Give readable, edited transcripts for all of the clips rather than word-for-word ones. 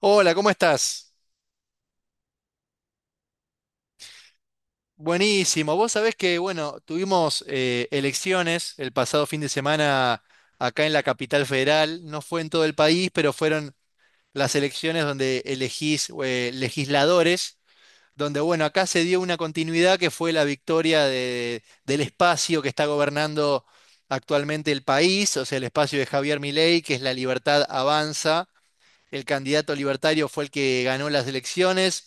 Hola, ¿cómo estás? Buenísimo. Vos sabés que, bueno, tuvimos elecciones el pasado fin de semana acá en la capital federal. No fue en todo el país, pero fueron las elecciones donde elegís legisladores, donde, bueno, acá se dio una continuidad que fue la victoria del espacio que está gobernando actualmente el país, o sea, el espacio de Javier Milei, que es La Libertad Avanza. El candidato libertario fue el que ganó las elecciones.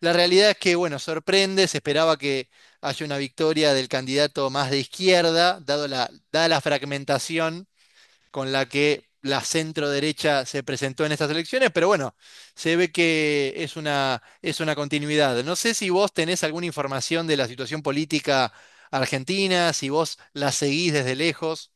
La realidad es que, bueno, sorprende, se esperaba que haya una victoria del candidato más de izquierda, dada la fragmentación con la que la centro derecha se presentó en estas elecciones, pero bueno, se ve que es una continuidad. No sé si vos tenés alguna información de la situación política argentina, si vos la seguís desde lejos.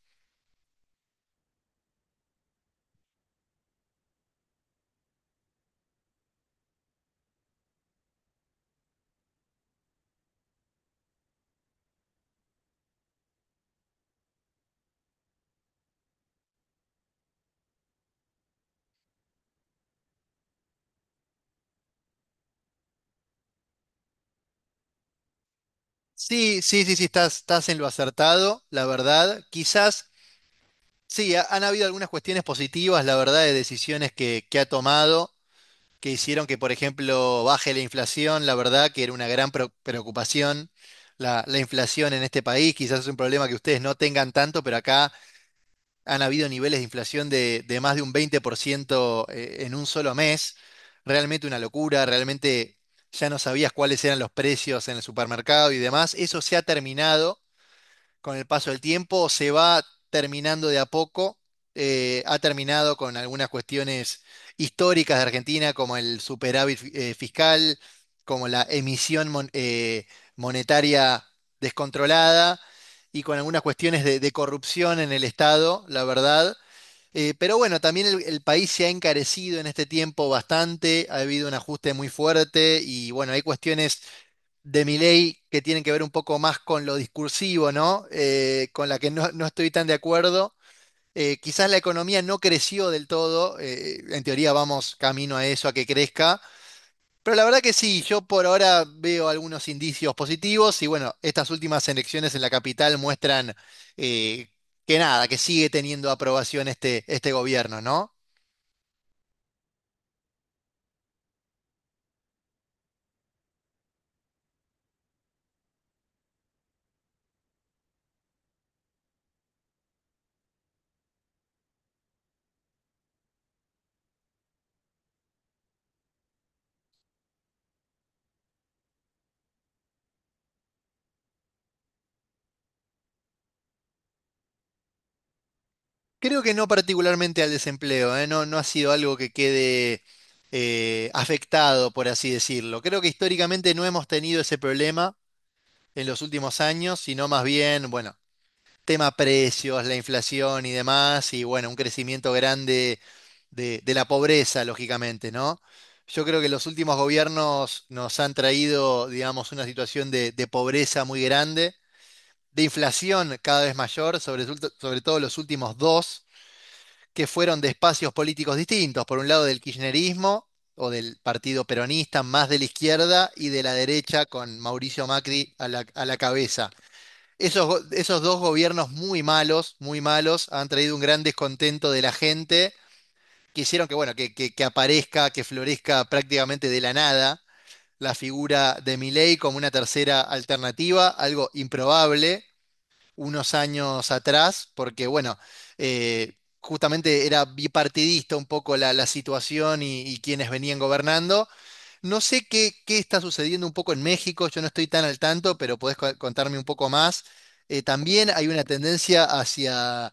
Sí, sí, sí, sí, estás en lo acertado, la verdad. Quizás sí, han habido algunas cuestiones positivas, la verdad, de decisiones que ha tomado, que hicieron que, por ejemplo, baje la inflación, la verdad, que era una gran preocupación la inflación en este país. Quizás es un problema que ustedes no tengan tanto, pero acá han habido niveles de inflación de más de un 20% en un solo mes. Realmente una locura, realmente ya no sabías cuáles eran los precios en el supermercado y demás. Eso se ha terminado con el paso del tiempo, se va terminando de a poco. Ha terminado con algunas cuestiones históricas de Argentina, como el superávit fiscal, como la emisión monetaria descontrolada y con algunas cuestiones de corrupción en el Estado, la verdad. Pero bueno, también el país se ha encarecido en este tiempo bastante, ha habido un ajuste muy fuerte y bueno, hay cuestiones de Milei que tienen que ver un poco más con lo discursivo, ¿no? Con la que no, no estoy tan de acuerdo. Quizás la economía no creció del todo, en teoría vamos camino a eso, a que crezca, pero la verdad que sí, yo por ahora veo algunos indicios positivos y bueno, estas últimas elecciones en la capital muestran eh, que nada, que sigue teniendo aprobación este gobierno, ¿no? Creo que no particularmente al desempleo, ¿eh? No, no ha sido algo que quede afectado, por así decirlo. Creo que históricamente no hemos tenido ese problema en los últimos años, sino más bien, bueno, tema precios, la inflación y demás, y bueno, un crecimiento grande de la pobreza, lógicamente, ¿no? Yo creo que los últimos gobiernos nos han traído, digamos, una situación de pobreza muy grande, de inflación cada vez mayor, sobre todo los últimos dos que fueron de espacios políticos distintos, por un lado del kirchnerismo o del partido peronista, más de la izquierda, y de la derecha con Mauricio Macri a la cabeza. Esos dos gobiernos muy malos, han traído un gran descontento de la gente, que hicieron que, bueno, que aparezca, que florezca prácticamente de la nada la figura de Milei como una tercera alternativa, algo improbable, unos años atrás, porque bueno, justamente era bipartidista un poco la situación y quienes venían gobernando. No sé qué está sucediendo un poco en México, yo no estoy tan al tanto, pero podés contarme un poco más. También hay una tendencia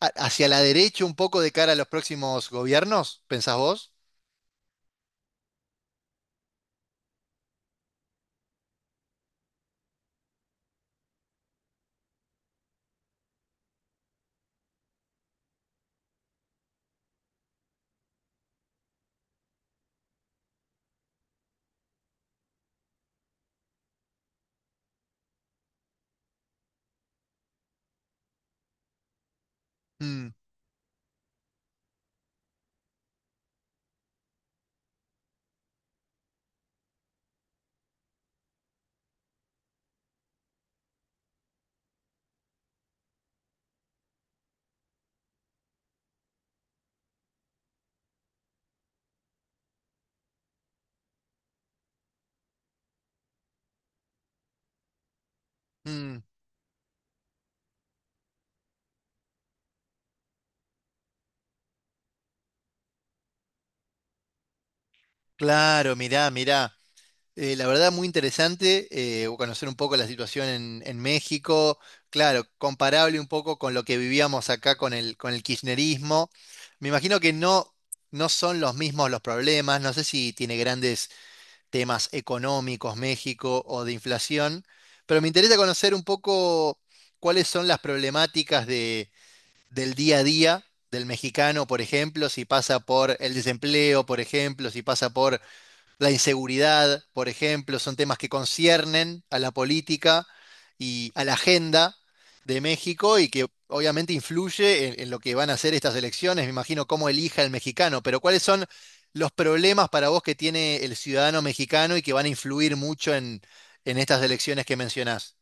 hacia la derecha un poco de cara a los próximos gobiernos, ¿pensás vos? Mm, mm, claro, mirá, mirá. La verdad, muy interesante conocer un poco la situación en México, claro, comparable un poco con lo que vivíamos acá con con el kirchnerismo. Me imagino que no, no son los mismos los problemas, no sé si tiene grandes temas económicos México o de inflación, pero me interesa conocer un poco cuáles son las problemáticas del día a día del mexicano, por ejemplo, si pasa por el desempleo, por ejemplo, si pasa por la inseguridad, por ejemplo, son temas que conciernen a la política y a la agenda de México y que obviamente influye en lo que van a ser estas elecciones. Me imagino cómo elija el mexicano, pero ¿cuáles son los problemas para vos que tiene el ciudadano mexicano y que van a influir mucho en estas elecciones que mencionás?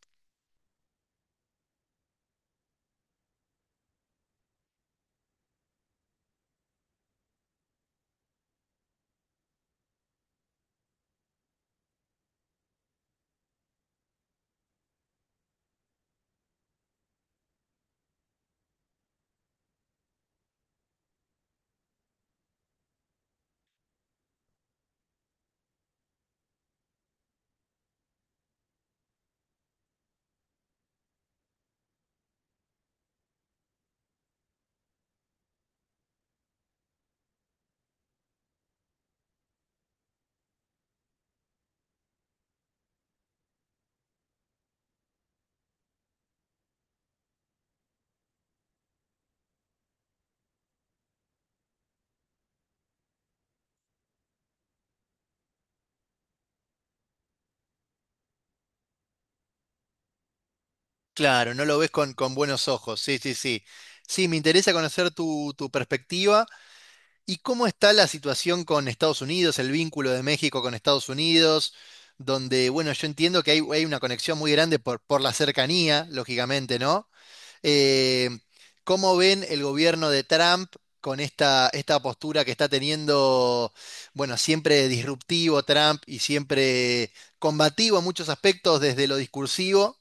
Claro, no lo ves con buenos ojos. Sí, sí, sí. Sí, me interesa conocer tu perspectiva. ¿Y cómo está la situación con Estados Unidos, el vínculo de México con Estados Unidos? Donde, bueno, yo entiendo que hay una conexión muy grande por la cercanía, lógicamente, ¿no? Eh, ¿Cómo ven el gobierno de Trump con esta postura que está teniendo, bueno, siempre disruptivo Trump y siempre combativo en muchos aspectos desde lo discursivo?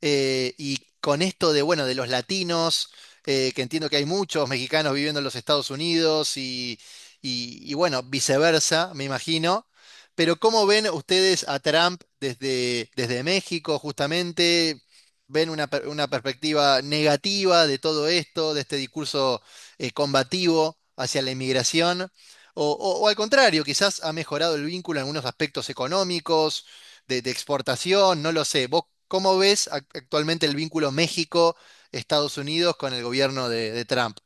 Y con esto de, bueno, de los latinos, que entiendo que hay muchos mexicanos viviendo en los Estados Unidos y, y, bueno, viceversa, me imagino. Pero ¿cómo ven ustedes a Trump desde México justamente? Una perspectiva negativa de todo esto, de este discurso combativo hacia la inmigración? O al contrario, quizás ha mejorado el vínculo en algunos aspectos económicos de exportación, no lo sé. ¿Vos cómo ves actualmente el vínculo México-Estados Unidos con el gobierno de Trump?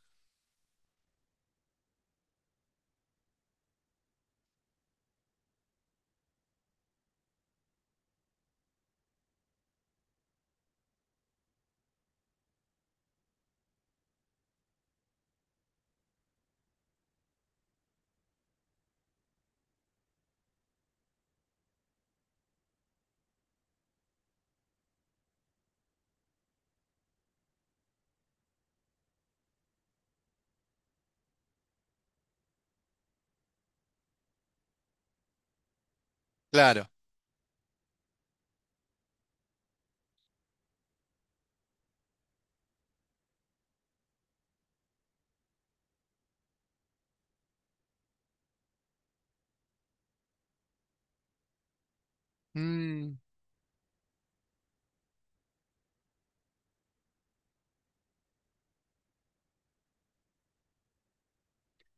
Claro. Mm,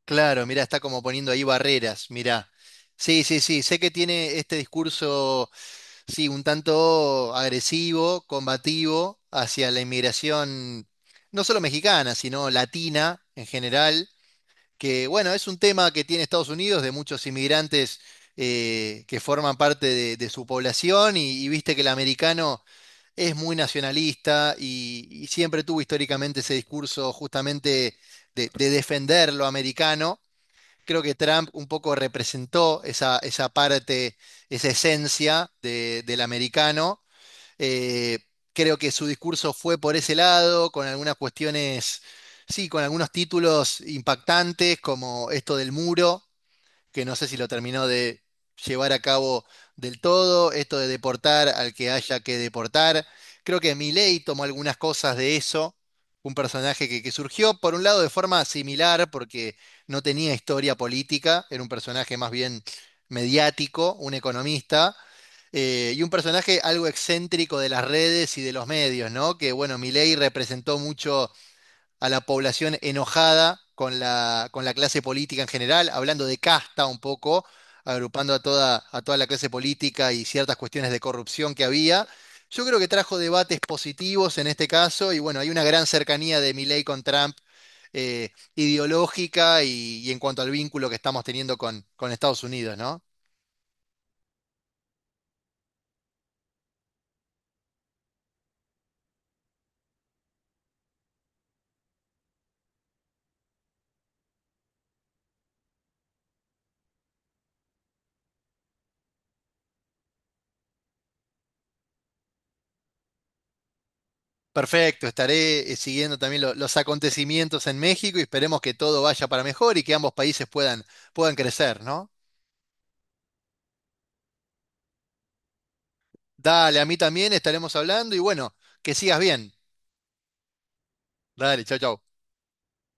claro, mira, está como poniendo ahí barreras, mira. Sí, sí, sí, sé que tiene este discurso, sí, un tanto agresivo, combativo hacia la inmigración, no solo mexicana, sino latina en general. Que bueno, es un tema que tiene Estados Unidos de muchos inmigrantes que forman parte de su población y viste que el americano es muy nacionalista y siempre tuvo históricamente ese discurso justamente de defender lo americano. Creo que Trump un poco representó esa parte, esa esencia del americano eh, creo que su discurso fue por ese lado, con algunas cuestiones, sí, con algunos títulos impactantes, como esto del muro, que no sé si lo terminó de llevar a cabo del todo, esto de deportar al que haya que deportar. Creo que Milei tomó algunas cosas de eso, un personaje que surgió, por un lado, de forma similar, porque no tenía historia política, era un personaje más bien mediático, un economista y un personaje algo excéntrico de las redes y de los medios, ¿no? Que bueno, Milei representó mucho a la población enojada con con la clase política en general, hablando de casta un poco, agrupando a toda la clase política y ciertas cuestiones de corrupción que había. Yo creo que trajo debates positivos en este caso, y bueno, hay una gran cercanía de Milei con Trump ideológica y en cuanto al vínculo que estamos teniendo con Estados Unidos, ¿no? Perfecto, estaré siguiendo también los acontecimientos en México y esperemos que todo vaya para mejor y que ambos países puedan, puedan crecer, ¿no? Dale, a mí también estaremos hablando y bueno, que sigas bien. Dale, chau, chau.